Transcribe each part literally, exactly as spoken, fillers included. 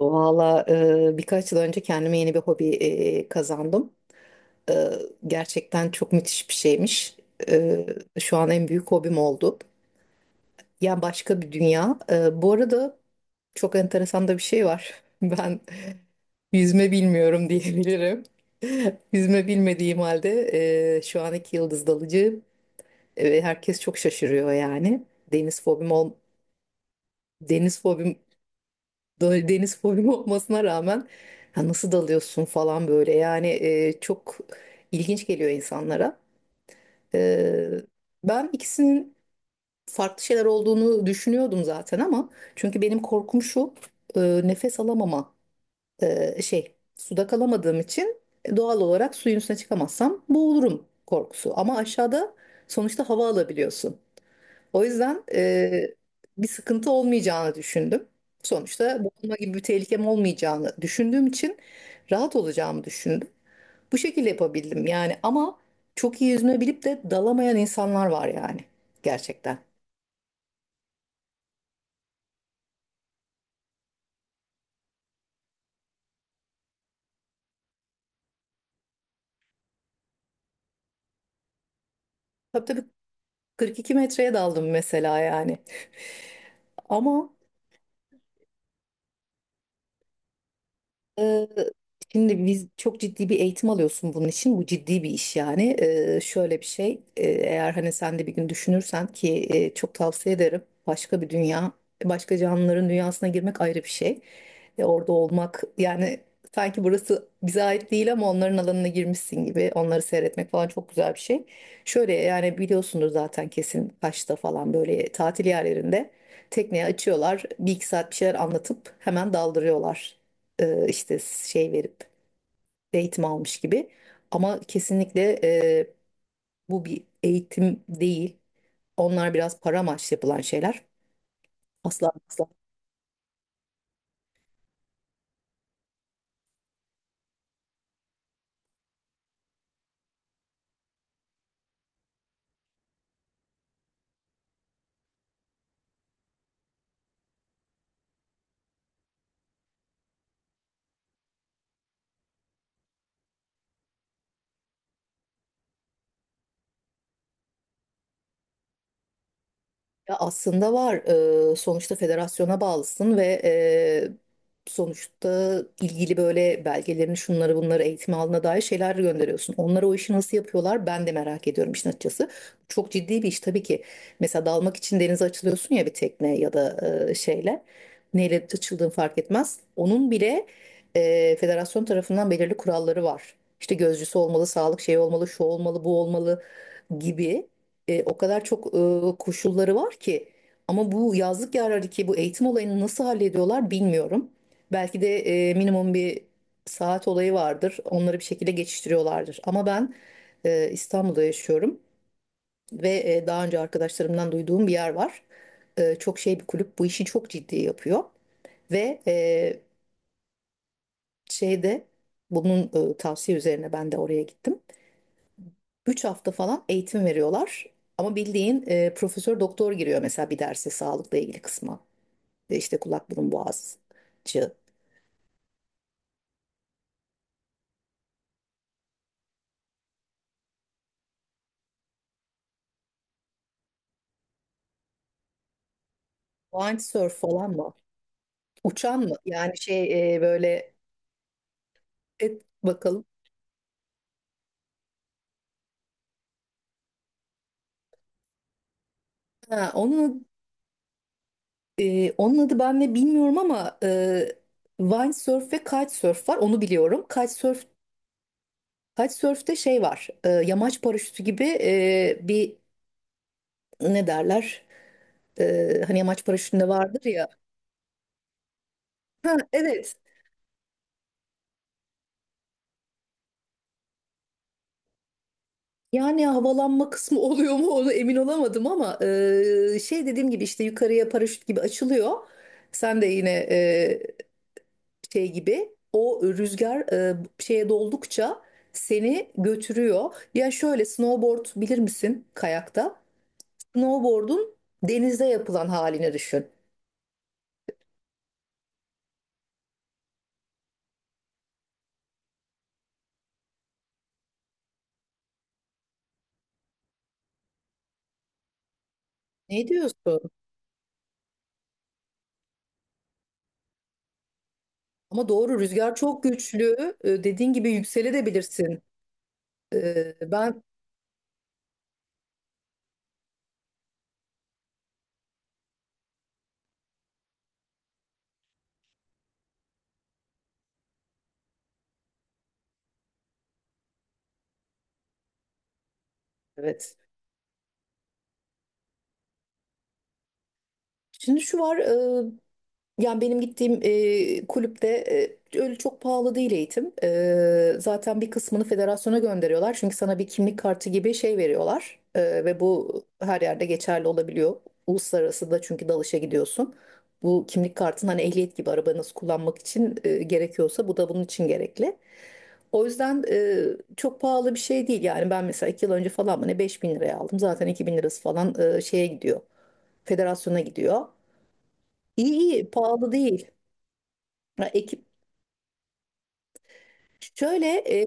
Valla, e, birkaç yıl önce kendime yeni bir hobi e, kazandım. E, Gerçekten çok müthiş bir şeymiş. E, Şu an en büyük hobim oldu. Ya, başka bir dünya. E, bu arada çok enteresan da bir şey var. Ben yüzme bilmiyorum diyebilirim. Yüzme bilmediğim halde e, şu an iki yıldız dalıcı ve herkes çok şaşırıyor yani. Deniz fobim ol, deniz fobim da- deniz fobim olmasına rağmen, Ha, nasıl dalıyorsun falan, böyle yani, e, çok ilginç geliyor insanlara. E, Ben ikisinin farklı şeyler olduğunu düşünüyordum zaten, ama çünkü benim korkum şu: e, nefes alamama, e, şey, suda kalamadığım için e, doğal olarak suyun üstüne çıkamazsam boğulurum korkusu, ama aşağıda sonuçta hava alabiliyorsun. O yüzden e, bir sıkıntı olmayacağını düşündüm. Sonuçta boğulma gibi bir tehlikem olmayacağını düşündüğüm için rahat olacağımı düşündüm. Bu şekilde yapabildim yani. Ama çok iyi yüzme bilip de dalamayan insanlar var yani, gerçekten. Tabii tabii, kırk iki metreye daldım mesela yani. Ama Ee, şimdi biz, çok ciddi bir eğitim alıyorsun bunun için. Bu ciddi bir iş yani. Ee, şöyle bir şey. E, eğer hani sen de bir gün düşünürsen ki, e, çok tavsiye ederim. Başka bir dünya, başka canlıların dünyasına girmek ayrı bir şey. E, orada olmak yani, sanki burası bize ait değil ama onların alanına girmişsin gibi. Onları seyretmek falan çok güzel bir şey. Şöyle yani, biliyorsundur zaten kesin, Kaş'ta falan böyle tatil yerlerinde tekneye açıyorlar. Bir iki saat bir şeyler anlatıp hemen daldırıyorlar, e, işte şey verip eğitim almış gibi. Ama kesinlikle e, bu bir eğitim değil. Onlar biraz para amaçlı yapılan şeyler. Asla asla. Ya, aslında var. Ee, sonuçta federasyona bağlısın ve e, sonuçta ilgili böyle belgelerini, şunları bunları, eğitim alanına dair şeyler gönderiyorsun. Onlar o işi nasıl yapıyorlar ben de merak ediyorum işin açıkçası. Çok ciddi bir iş tabii ki. Mesela dalmak için denize açılıyorsun ya, bir tekne ya da e, şeyle. Neyle açıldığın fark etmez. Onun bile e, federasyon tarafından belirli kuralları var. İşte gözcüsü olmalı, sağlık şeyi olmalı, şu olmalı, bu olmalı gibi. E, o kadar çok e, koşulları var ki, ama bu yazlık yerlerdeki bu eğitim olayını nasıl hallediyorlar bilmiyorum. Belki de e, minimum bir saat olayı vardır. Onları bir şekilde geçiştiriyorlardır. Ama ben e, İstanbul'da yaşıyorum ve e, daha önce arkadaşlarımdan duyduğum bir yer var. E, çok şey bir kulüp, bu işi çok ciddi yapıyor ve e, şeyde bunun e, tavsiye üzerine ben de oraya gittim. Üç hafta falan eğitim veriyorlar. Ama bildiğin e, profesör doktor giriyor mesela bir derse, sağlıkla ilgili kısma. E, İşte kulak burun boğazcı. Windsurf falan mı? Uçan mı? Yani şey, e, böyle et bakalım. Ha, onun, e, onun adı ben de bilmiyorum ama e, windsurf ve kitesurf var. Onu biliyorum. Kitesurf, kitesurf'te şey var. E, yamaç paraşütü gibi e, bir, ne derler? E, hani yamaç paraşütünde vardır ya. Ha, evet. Yani havalanma kısmı oluyor mu onu emin olamadım ama, e, şey, dediğim gibi işte yukarıya paraşüt gibi açılıyor. Sen de yine e, şey gibi, o rüzgar e, şeye doldukça seni götürüyor. Ya şöyle, snowboard bilir misin kayakta? Snowboard'un denizde yapılan halini düşün. Ne diyorsun? Ama doğru, rüzgar çok güçlü. E, dediğin gibi yükselebilirsin. E, ben, evet. Şimdi şu var. Yani benim gittiğim e, kulüpte e, öyle çok pahalı değil eğitim. E, zaten bir kısmını federasyona gönderiyorlar. Çünkü sana bir kimlik kartı gibi şey veriyorlar. E, ve bu her yerde geçerli olabiliyor. Uluslararası da, çünkü dalışa gidiyorsun. Bu kimlik kartın hani ehliyet gibi arabanızı kullanmak için e, gerekiyorsa, bu da bunun için gerekli. O yüzden e, çok pahalı bir şey değil. Yani ben mesela iki yıl önce falan mı ne, beş bin liraya aldım. Zaten iki bin lirası falan e, şeye gidiyor. Federasyona gidiyor. İyi iyi, pahalı değil. Ya, ekip Şöyle, e,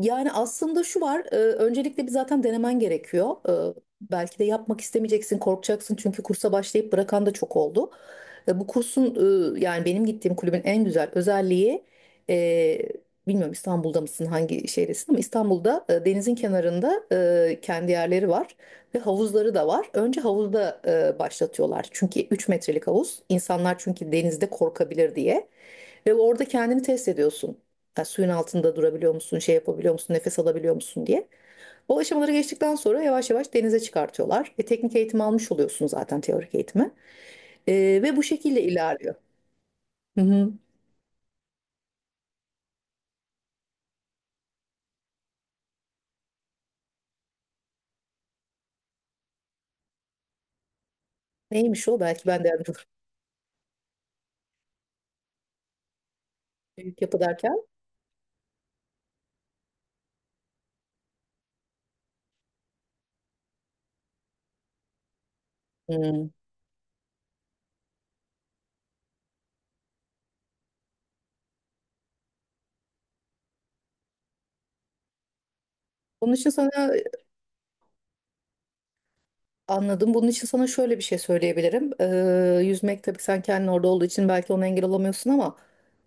yani aslında şu var: e, öncelikle bir zaten denemen gerekiyor. E, Belki de yapmak istemeyeceksin, korkacaksın, çünkü kursa başlayıp bırakan da çok oldu. E, bu kursun, e, yani benim gittiğim kulübün en güzel özelliği, e, bilmiyorum İstanbul'da mısın hangi şehirdesin, ama İstanbul'da e, denizin kenarında e, kendi yerleri var ve havuzları da var. Önce havuzda e, başlatıyorlar, çünkü üç metrelik havuz. İnsanlar çünkü denizde korkabilir diye. Ve orada kendini test ediyorsun. Ya suyun altında durabiliyor musun, şey yapabiliyor musun, nefes alabiliyor musun diye. O aşamaları geçtikten sonra yavaş yavaş denize çıkartıyorlar. E, teknik eğitim almış oluyorsun zaten, teorik eğitimi. E, Ve bu şekilde ilerliyor. Hı hı. Neymiş o? Belki ben de yardımcı olurum. Büyük yapı derken? Hı. Onun için sana Anladım. Bunun için sana şöyle bir şey söyleyebilirim. Ee, yüzmek tabii, sen kendin orada olduğu için belki ona engel olamıyorsun ama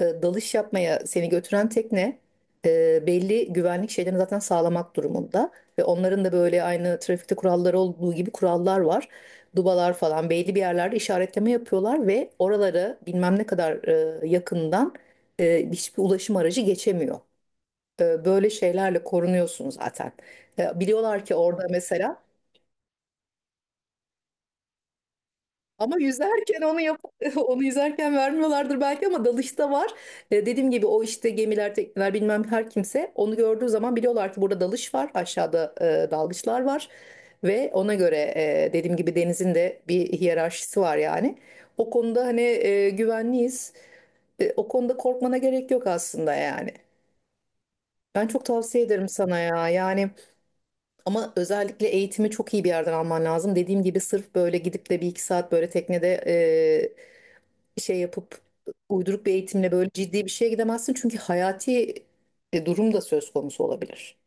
e, dalış yapmaya seni götüren tekne e, belli güvenlik şeylerini zaten sağlamak durumunda. Ve onların da böyle aynı trafikte kuralları olduğu gibi kurallar var. Dubalar falan belli bir yerlerde işaretleme yapıyorlar ve oraları bilmem ne kadar e, yakından e, hiçbir ulaşım aracı geçemiyor. E, böyle şeylerle korunuyorsun zaten. E, biliyorlar ki orada mesela... Ama yüzerken onu yap onu yüzerken vermiyorlardır belki, ama dalışta var. E, dediğim gibi o işte gemiler, tekneler, bilmem her kimse onu gördüğü zaman biliyorlar ki burada dalış var, aşağıda e, dalgıçlar var ve ona göre, e, dediğim gibi denizin de bir hiyerarşisi var yani. O konuda hani e, güvenliyiz. E, o konuda korkmana gerek yok aslında yani. Ben çok tavsiye ederim sana ya. Yani ama özellikle eğitimi çok iyi bir yerden alman lazım. Dediğim gibi sırf böyle gidip de bir iki saat böyle teknede şey yapıp, uyduruk bir eğitimle böyle ciddi bir şeye gidemezsin. Çünkü hayati e, durum da söz konusu olabilir.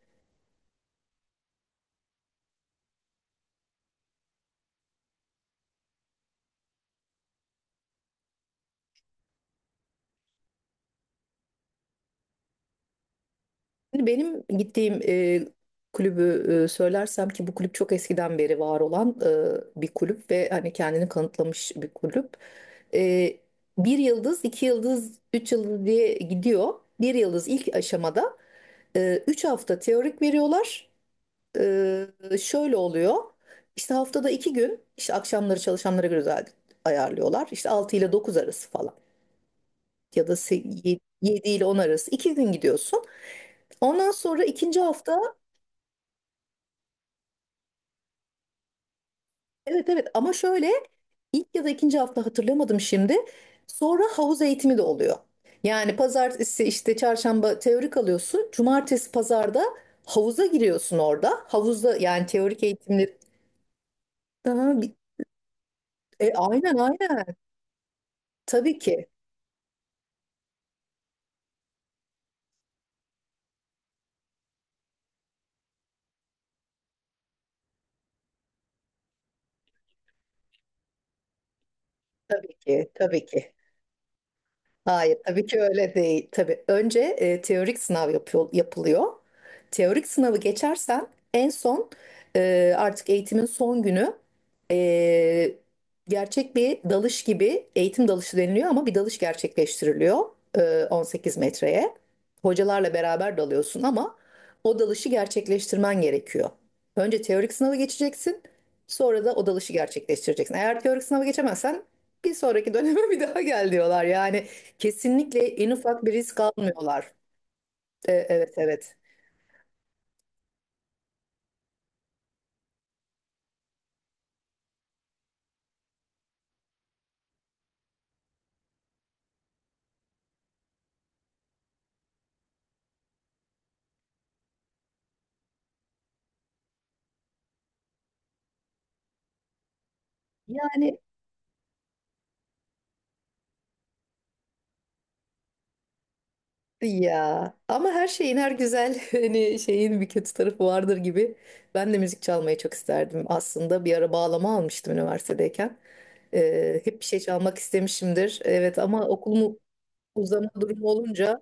Şimdi benim gittiğim e, kulübü e, söylersem ki, bu kulüp çok eskiden beri var olan e, bir kulüp ve hani kendini kanıtlamış bir kulüp. E, Bir yıldız, iki yıldız, üç yıldız diye gidiyor. Bir yıldız ilk aşamada e, üç hafta teorik veriyorlar. Ee, Şöyle oluyor. İşte haftada iki gün, işte akşamları çalışanlara göre zaten ayarlıyorlar. İşte altı ile dokuz arası falan ya da yedi ile on arası, iki gün gidiyorsun. Ondan sonra ikinci hafta... Evet evet, ama şöyle, ilk ya da ikinci hafta hatırlamadım şimdi. Sonra havuz eğitimi de oluyor. Yani pazartesi işte çarşamba teorik alıyorsun. Cumartesi pazarda havuza giriyorsun orada. Havuzda yani, teorik eğitimleri. Aha, bir- e, aynen aynen. Tabii ki. Tabii ki. Tabii ki. Hayır, tabii ki öyle değil. Tabii önce e, teorik sınav yapıyor, yapılıyor. Teorik sınavı geçersen en son, e, artık eğitimin son günü, e, gerçek bir dalış gibi, eğitim dalışı deniliyor ama bir dalış gerçekleştiriliyor e, on sekiz metreye. Hocalarla beraber dalıyorsun ama o dalışı gerçekleştirmen gerekiyor. Önce teorik sınavı geçeceksin, sonra da o dalışı gerçekleştireceksin. Eğer teorik sınavı geçemezsen bir sonraki döneme bir daha gel diyorlar. Yani kesinlikle en ufak bir risk almıyorlar. E, evet evet. Yani ya, ama her şeyin, her güzel hani şeyin bir kötü tarafı vardır gibi. Ben de müzik çalmayı çok isterdim aslında. Bir ara bağlama almıştım üniversitedeyken. Ee, hep bir şey çalmak istemişimdir. Evet ama okulumu uzama durumu olunca.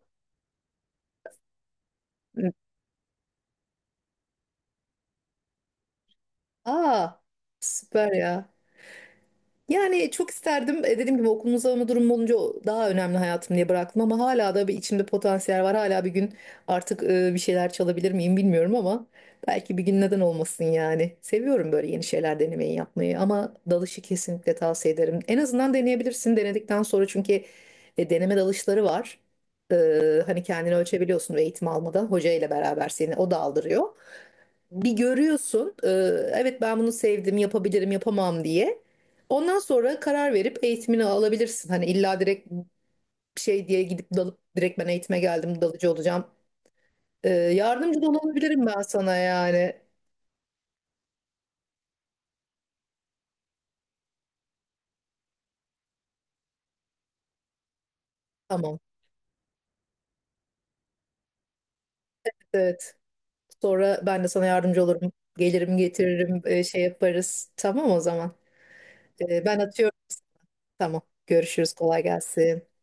Aa, süper ya. Yani çok isterdim. E, Dediğim gibi okulun uzama durumu olunca o daha önemli hayatım diye bıraktım, ama hala da bir içimde potansiyel var. Hala bir gün artık e, bir şeyler çalabilir miyim bilmiyorum, ama belki bir gün, neden olmasın yani. Seviyorum böyle yeni şeyler denemeyi, yapmayı, ama dalışı kesinlikle tavsiye ederim. En azından deneyebilirsin denedikten sonra, çünkü e, deneme dalışları var. E, Hani kendini ölçebiliyorsun ve eğitim almadan hoca ile beraber seni o da aldırıyor. Bir görüyorsun, e, evet ben bunu sevdim, yapabilirim, yapamam diye. Ondan sonra karar verip eğitimini alabilirsin. Hani illa direkt şey diye gidip dalıp direkt, ben eğitime geldim dalıcı olacağım. Ee, yardımcı da olabilirim ben sana yani. Tamam. Evet. Sonra ben de sana yardımcı olurum. Gelirim getiririm, e, şey yaparız. Tamam o zaman. Ee, ben atıyorum. Tamam. Görüşürüz. Kolay gelsin.